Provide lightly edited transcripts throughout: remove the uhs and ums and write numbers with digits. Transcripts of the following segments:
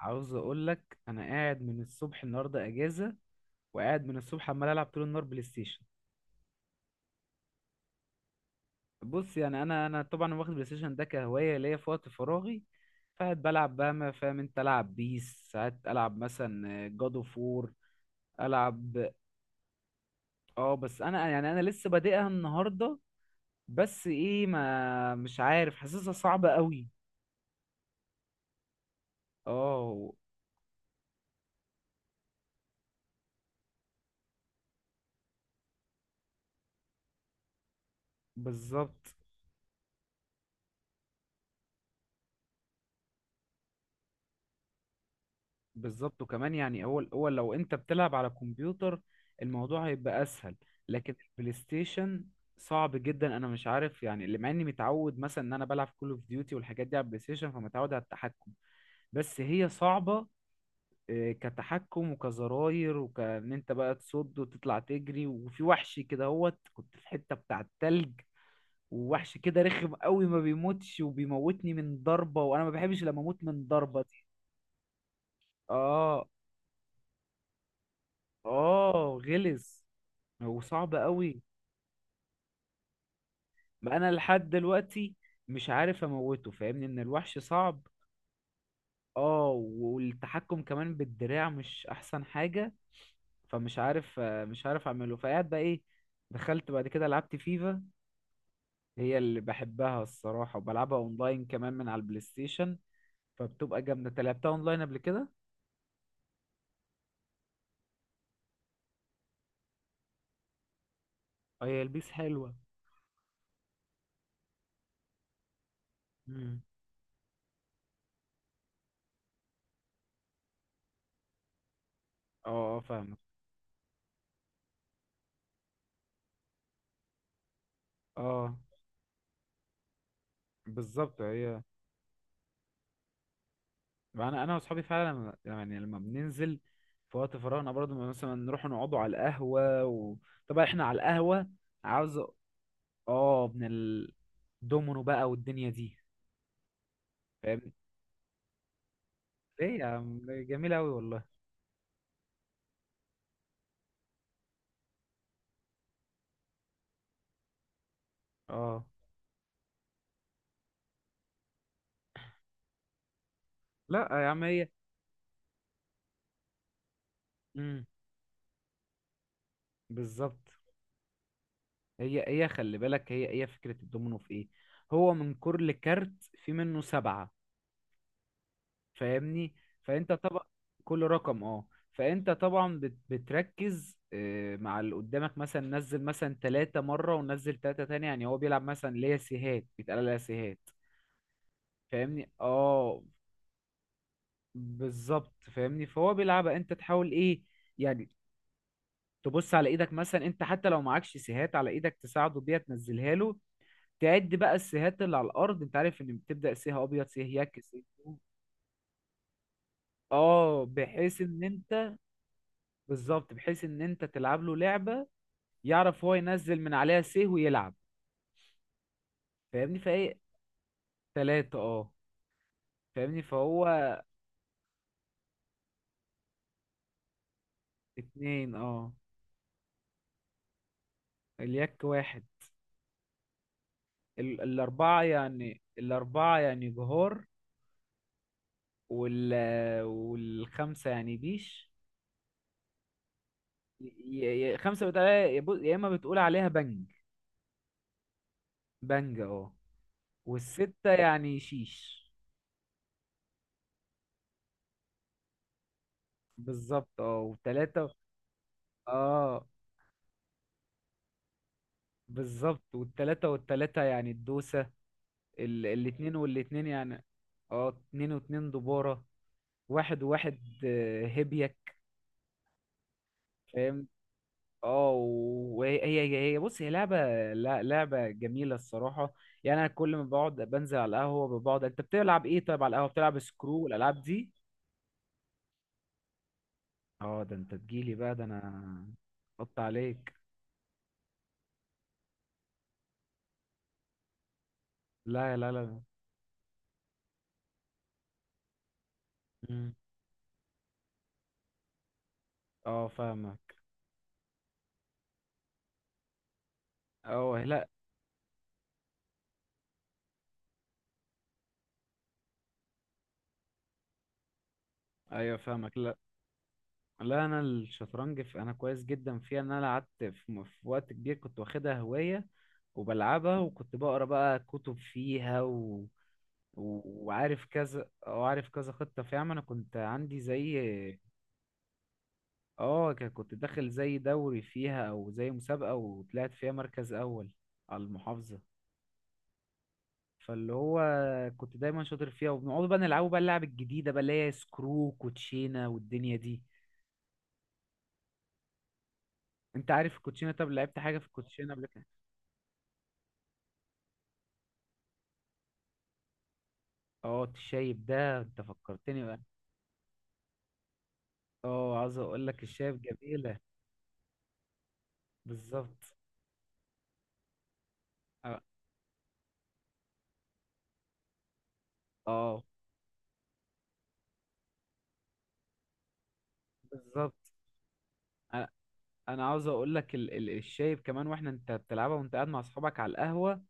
عاوز اقول لك انا قاعد من الصبح النهارده اجازه، وقاعد من الصبح عمال العب طول النهار بلاي ستيشن. بص، يعني انا طبعا واخد بلاي ستيشن ده كهوايه ليا في وقت فراغي. فقاعد بلعب بقى، ما فاهم، انت العب بيس، ساعات العب مثلا جاد اوف وور. العب. اه، بس انا يعني انا لسه بادئها النهارده. بس ايه، ما مش عارف، حاسسها صعبه قوي. اه، بالظبط بالظبط، وكمان يعني اول اول لو انت بتلعب على كمبيوتر الموضوع هيبقى اسهل. لكن البلاي ستيشن صعب جدا. انا مش عارف يعني، اللي مع اني متعود مثلا ان انا بلعب كول اوف ديوتي والحاجات دي على البلاي ستيشن، فمتعود على التحكم. بس هي صعبة، كتحكم وكزراير، وكان انت بقى تصد وتطلع تجري، وفي وحش كده هوت، كنت في حتة بتاع التلج. ووحش كده رخم قوي، ما بيموتش وبيموتني من ضربة، وانا ما بحبش لما اموت من ضربة دي. اه، اه غلس. هو صعب قوي. ما انا لحد دلوقتي مش عارف اموته، فاهمني؟ ان الوحش صعب. اه. والتحكم كمان بالدراع مش احسن حاجة. فمش عارف، مش عارف اعمله. فقعد بقى ايه، دخلت بعد كده لعبت فيفا. هي اللي بحبها الصراحة، وبلعبها اونلاين كمان من على البلاي ستيشن. فبتبقى جامدة. انت لعبتها اونلاين قبل كده؟ اه، هي البيس حلوة. مم. اه، اه فاهمك. اه، بالظبط هي. انا واصحابي فعلا يعني لما بننزل في وقت فراغنا برضه مثلا، نروح نقعدوا على القهوه و طبعا احنا على القهوه. عاوز، اه، من الدومينو بقى والدنيا دي. فاهم؟ ليه يا عم؟ جميله قوي والله. اه. لا يا عم، هي امم بالظبط. هي خلي بالك، هي فكره الدومينو في ايه؟ هو من كل كارت في منه سبعه. فاهمني؟ فانت طبعا كل رقم، اه، فانت طبعا بتركز، مع اللي قدامك مثلا نزل مثلا ثلاثة مرة ونزل ثلاثة تاني، يعني هو بيلعب مثلا. ليا سيهات، بيتقال ليا سيهات. فاهمني؟ اه، بالظبط، فاهمني، فهو بيلعبها، انت تحاول ايه يعني؟ تبص على ايدك مثلا، انت حتى لو معكش سيهات على ايدك تساعده بيها تنزلها له. تعد بقى السيهات اللي على الارض، انت عارف ان بتبدأ سيه ابيض، سيه يك، سيه بلو. اه، بحيث ان انت، بالظبط، بحيث ان انت تلعب له لعبه يعرف هو ينزل من عليها سيه ويلعب. فاهمني؟ فايه؟ ثلاثه، اه، فاهمني، فهو اتنين، اه، اليك واحد. الاربعه يعني، الاربعه يعني جهار. وال والخمسه يعني بيش. ي ي خمسه بتقول، يا اما بتقول عليها بنج. بنج، اه، والسته يعني شيش. بالظبط، اه والتلاته، اه بالظبط. والتلاته والتلاته يعني الدوسه. الاتنين والاتنين يعني، اه، اتنين واتنين دبارة، واحد وواحد هبيك. فاهم؟ اه، وهي هي هي بص، هي لعبة، لا لعبة جميلة الصراحة. يعني انا كل ما بقعد بنزل على القهوة بقعد، انت بتلعب ايه طيب على القهوة؟ بتلعب سكرو والالعاب دي؟ اه، ده انت تجيلي بقى، ده انا حط عليك. لا، لا، لا. مم. اه فاهمك. اه، لا. ايوه فاهمك، لا. لا، انا الشطرنج في، انا كويس جدا فيها، ان انا قعدت في وقت كبير كنت واخدها هواية. وبلعبها، وكنت بقرا بقى كتب فيها و وعارف كذا، وعارف كذا خطة فيها، ما انا كنت عندي زي، اه كنت داخل زي دوري فيها او زي مسابقة، وطلعت فيها مركز اول على المحافظة. فاللي هو كنت دايما شاطر فيها، وبنقعد بقى نلعبوا بقى اللعب الجديدة بقى اللي هي سكرو، كوتشينة، والدنيا دي. انت عارف الكوتشينة؟ طب لعبت حاجة في الكوتشينة قبل كده؟ اه، الشايب ده انت فكرتني بقى. اه، عاوز اقول لك الشايب جميلة. بالظبط. اه. آه. بالظبط. انا أنا عاوز اقول لك الشايب كمان، واحنا انت بتلعبها وانت قاعد مع اصحابك على القهوه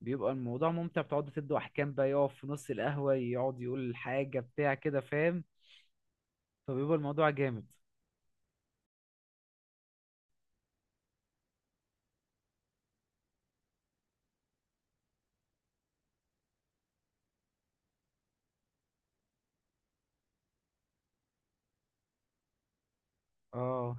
بيبقى الموضوع ممتع، بتقعدوا تدوا احكام بقى، يقف في نص القهوه يقعد يقول حاجه بتاع كده، فاهم؟ فبيبقى الموضوع جامد. اه،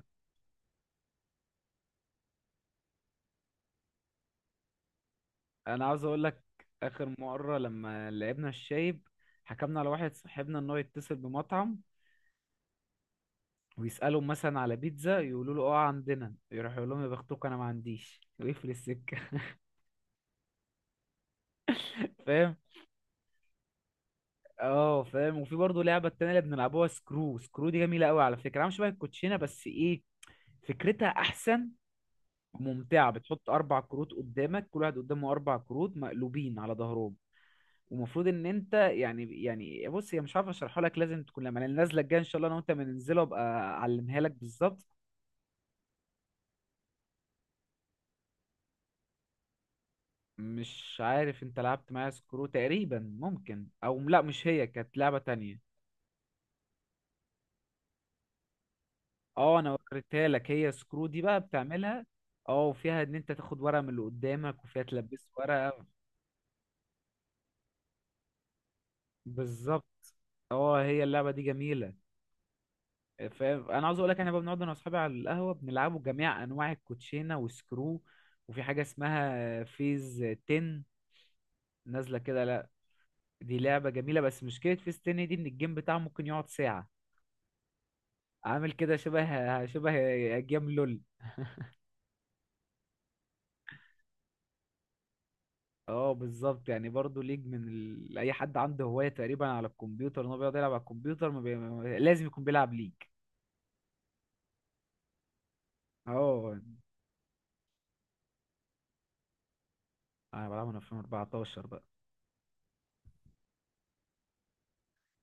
انا عاوز اقول لك، اخر مره لما لعبنا الشايب حكمنا على واحد صاحبنا ان هو يتصل بمطعم ويسالهم مثلا على بيتزا، يقولوا له اه عندنا، يروح يقول لهم يا بختكم انا ما عنديش ويقفل السكه. فاهم؟ اه فاهم. وفي برضه لعبه التانية اللي بنلعبوها سكرو، سكرو دي جميله قوي على فكره، عامله شبه الكوتشينه بس ايه، فكرتها احسن وممتعه. بتحط اربع كروت قدامك، كل واحد قدامه اربع كروت مقلوبين على ظهرهم. ومفروض ان انت يعني بص، هي مش عارف اشرحها لك، لازم تكون، لما النازله الجايه ان شاء الله انا وانت بننزله ابقى اعلمها لك بالظبط. مش عارف، انت لعبت معايا سكرو تقريبا؟ ممكن، او لا، مش هي كانت لعبه تانية. اه، انا وريتها لك، هي سكرو دي بقى بتعملها. اه، وفيها ان انت تاخد ورقة من اللي قدامك، وفيها تلبس ورقة. بالظبط. اه، هي اللعبة دي جميلة. فاهم؟ انا عاوز اقول لك، احنا بقى بنقعد انا واصحابي على القهوة بنلعبوا جميع انواع الكوتشينة وسكرو. وفي حاجة اسمها فيز 10 نازلة كده، لا، دي لعبة جميلة، بس مشكلة فيز 10 دي ان الجيم بتاعها ممكن يقعد ساعة. عامل كده شبه شبه جيم لول. اه بالظبط، يعني برضو ليج من اي حد عنده هوايه تقريبا على الكمبيوتر ان هو بيقعد يلعب على الكمبيوتر، ما بي... ما- لازم يكون بيلعب ليج. اه، انا بلعب من 2014 بقى.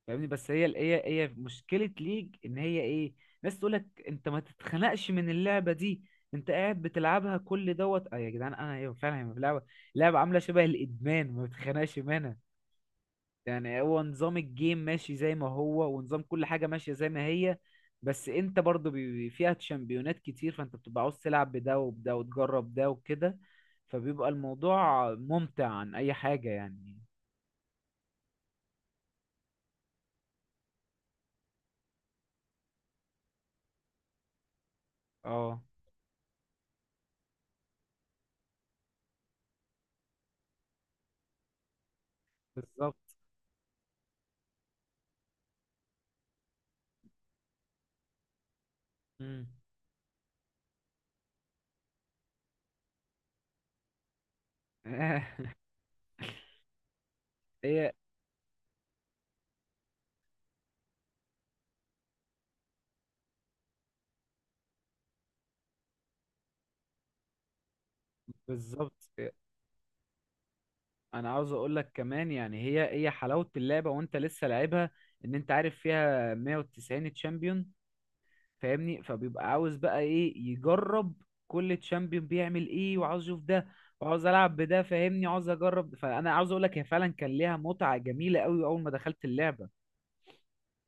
فاهمني، بس هي مشكله ليج ان هي ايه، ناس تقول لك انت ما تتخنقش من اللعبه دي، انت قاعد بتلعبها كل دوت، اه يا جدعان، انا ايوه فعلا، هي لعبه عامله شبه الادمان، ما بتخنقش منها. يعني هو نظام الجيم ماشي زي ما هو، ونظام كل حاجة ماشية زي ما هي. بس انت برضو فيها شامبيونات كتير، فانت بتبقى عاوز تلعب بده وبده، وتجرب ده وكده. فبيبقى الموضوع ممتع عن اي حاجة يعني. اه بالظبط. مم. هي بالظبط. انا عاوز اقول لك كمان، يعني هي حلاوة اللعبة وانت لسه لعبها، ان انت عارف فيها 190 تشامبيون، فاهمني؟ فبيبقى عاوز بقى ايه، يجرب كل تشامبيون بيعمل ايه، وعاوز اشوف ده، وعاوز العب بده، فاهمني، عاوز اجرب. فانا عاوز اقول لك هي فعلا كان ليها متعة جميلة قوي اول ما دخلت اللعبة.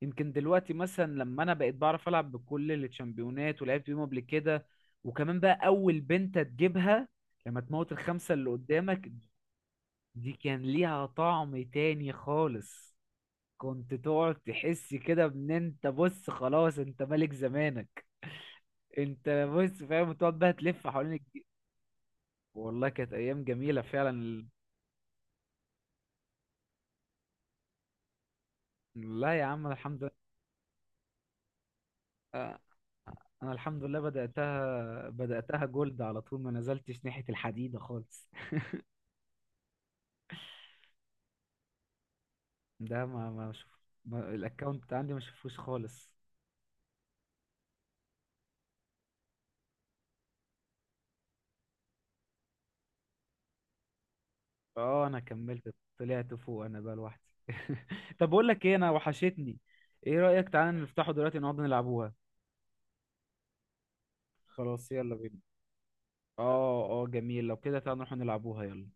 يمكن دلوقتي مثلا لما انا بقيت بعرف العب بكل التشامبيونات ولعبت بيهم قبل كده، وكمان بقى اول بنت تجيبها لما تموت الخمسة اللي قدامك، دي كان ليها طعم تاني خالص. كنت تقعد تحس كده ان انت بص، خلاص انت ملك زمانك. انت بص، فاهم، تقعد بقى تلف حوالين والله كانت ايام جميله فعلا. لا يا عم، أنا الحمد لله. انا الحمد لله بداتها جولد على طول، ما نزلتش ناحيه الحديده خالص. ده ما شوف، ما الاكونت عندي ما شوفوش خالص. اه انا كملت طلعت فوق انا بقى لوحدي. طب بقول لك ايه، انا وحشتني. ايه رايك تعالى نفتحه دلوقتي نقعد نلعبوها؟ خلاص يلا بينا. اه اه جميل، لو كده تعالى نروح نلعبوها يلا.